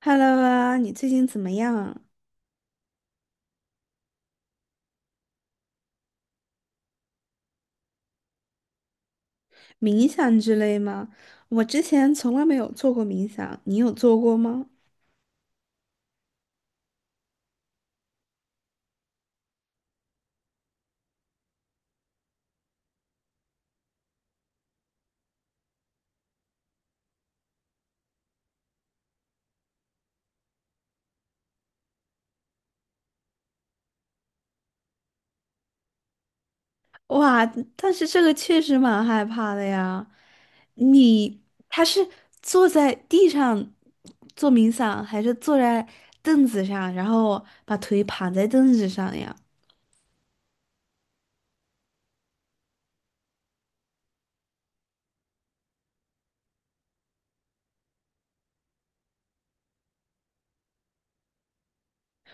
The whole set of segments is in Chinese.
Hello 啊，你最近怎么样？冥想之类吗？我之前从来没有做过冥想，你有做过吗？哇，但是这个确实蛮害怕的呀。你他是坐在地上做冥想，还是坐在凳子上，然后把腿盘在凳子上呀？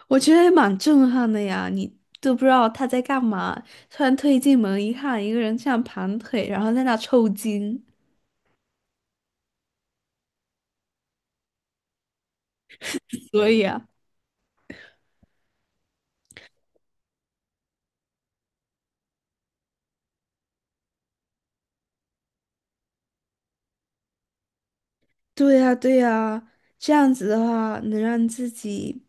我觉得也蛮震撼的呀，你都不知道他在干嘛，突然推进门一看，一个人这样盘腿，然后在那抽筋，所以啊。对呀，对呀，这样子的话，能让自己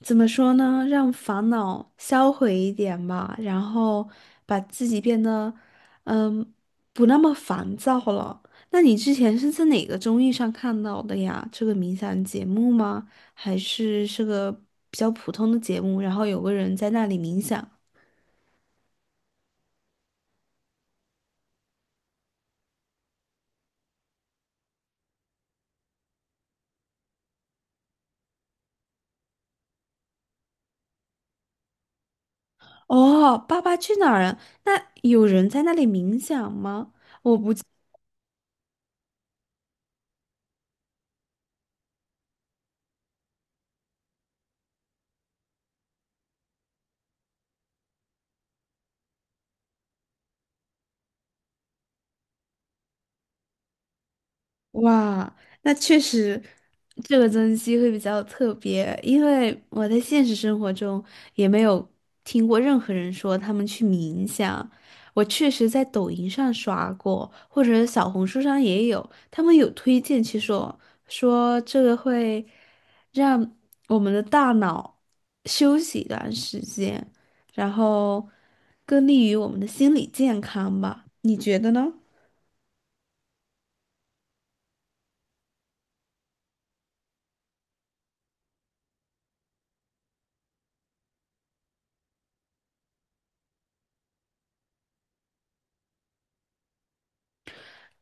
怎么说呢？让烦恼销毁一点吧，然后把自己变得，嗯，不那么烦躁了。那你之前是在哪个综艺上看到的呀？这个冥想节目吗？还是是个比较普通的节目？然后有个人在那里冥想。哦，《爸爸去哪儿》啊？那有人在那里冥想吗？我不。哇，那确实，这个增肌会比较特别，因为我在现实生活中也没有听过任何人说他们去冥想。我确实在抖音上刷过，或者小红书上也有，他们有推荐去说说这个会让我们的大脑休息一段时间，然后更利于我们的心理健康吧？你觉得呢？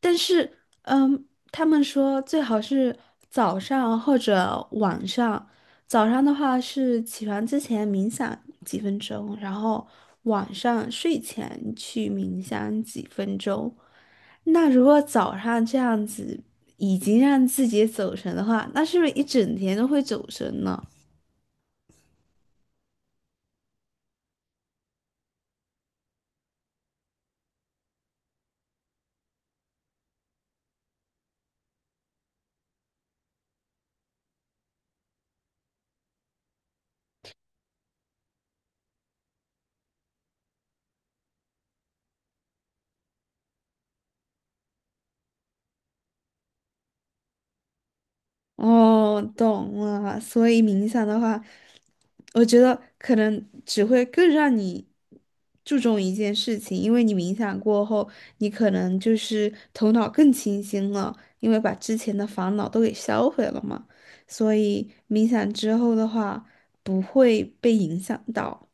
但是，嗯，他们说最好是早上或者晚上。早上的话是起床之前冥想几分钟，然后晚上睡前去冥想几分钟。那如果早上这样子已经让自己走神的话，那是不是一整天都会走神呢？哦，懂了。所以冥想的话，我觉得可能只会更让你注重一件事情，因为你冥想过后，你可能就是头脑更清醒了，因为把之前的烦恼都给销毁了嘛。所以冥想之后的话，不会被影响到。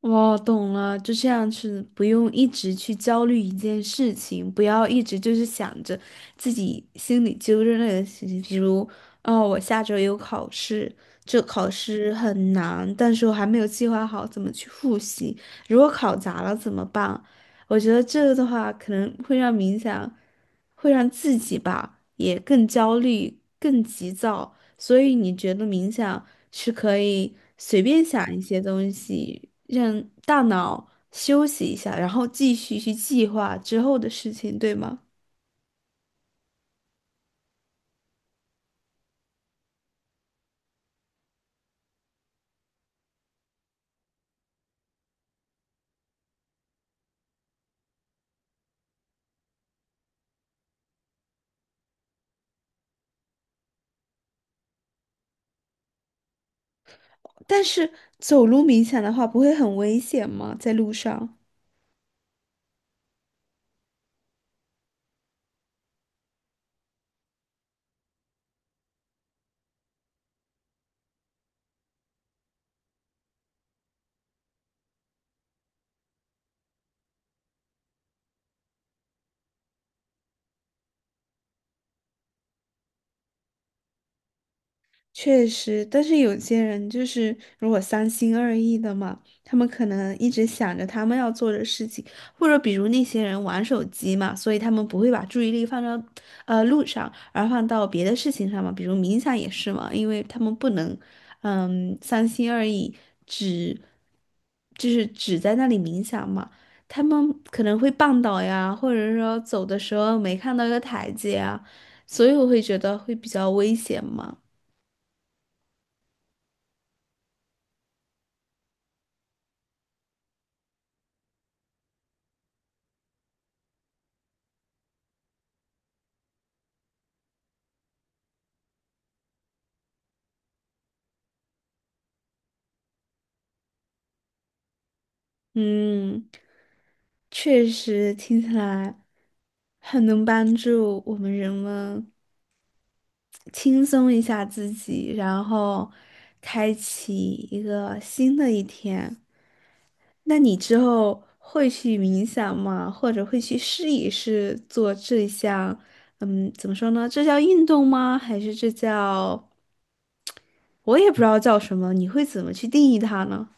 我懂了，就这样是不用一直去焦虑一件事情，不要一直就是想着自己心里揪着那个事情，比如，哦，我下周有考试，这考试很难，但是我还没有计划好怎么去复习，如果考砸了怎么办？我觉得这个的话，可能会让冥想，会让自己吧也更焦虑、更急躁。所以你觉得冥想是可以随便想一些东西，让大脑休息一下，然后继续去计划之后的事情，对吗？但是走路冥想的话，不会很危险吗？在路上？确实，但是有些人就是如果三心二意的嘛，他们可能一直想着他们要做的事情，或者比如那些人玩手机嘛，所以他们不会把注意力放到路上，而放到别的事情上嘛，比如冥想也是嘛，因为他们不能三心二意，只就是只在那里冥想嘛，他们可能会绊倒呀，或者说走的时候没看到一个台阶啊，所以我会觉得会比较危险嘛。嗯，确实听起来很能帮助我们人们轻松一下自己，然后开启一个新的一天。那你之后会去冥想吗？或者会去试一试做这项，嗯，怎么说呢？这叫运动吗？还是这叫，我也不知道叫什么，你会怎么去定义它呢？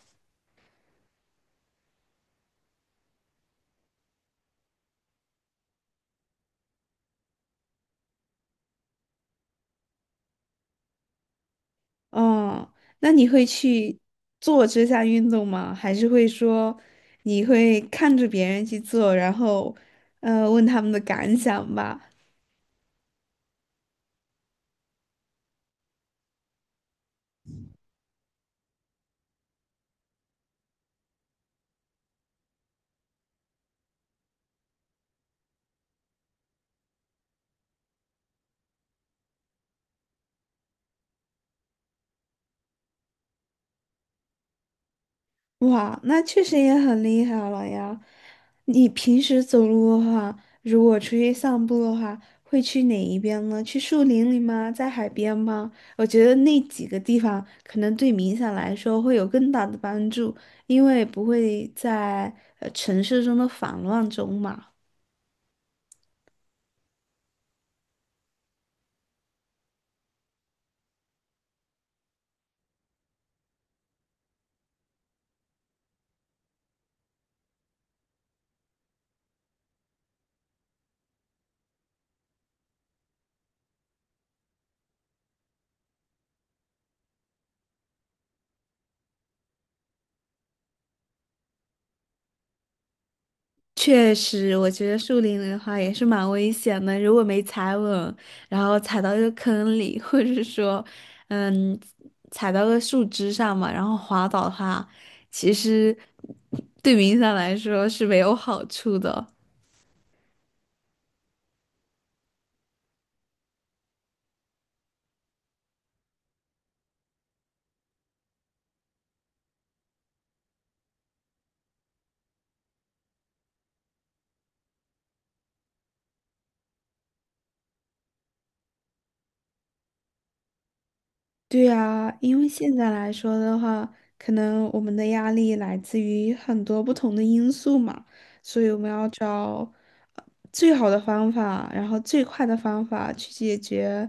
哦，那你会去做这项运动吗？还是会说你会看着别人去做，然后问他们的感想吧？哇，那确实也很厉害了呀！你平时走路的话，如果出去散步的话，会去哪一边呢？去树林里吗？在海边吗？我觉得那几个地方可能对冥想来说会有更大的帮助，因为不会在城市中的烦乱中嘛。确实，我觉得树林里的话也是蛮危险的。如果没踩稳，然后踩到一个坑里，或者是说，嗯，踩到个树枝上嘛，然后滑倒的话，其实对于影响来说是没有好处的。对呀，因为现在来说的话，可能我们的压力来自于很多不同的因素嘛，所以我们要找呃最好的方法，然后最快的方法去解决，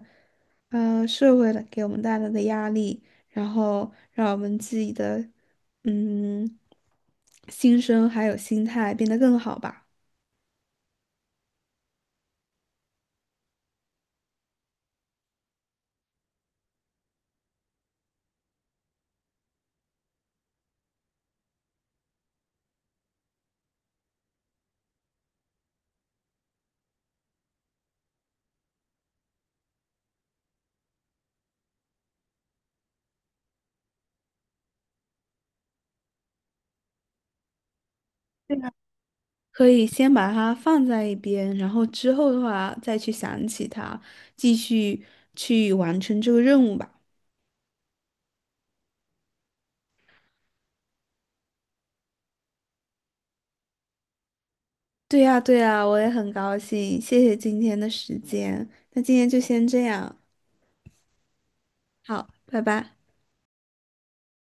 社会的给我们带来的压力，然后让我们自己的，嗯，心声还有心态变得更好吧。对呀，可以先把它放在一边，然后之后的话再去想起它，继续去完成这个任务吧。对呀，对呀，我也很高兴，谢谢今天的时间。那今天就先这样，好，拜拜。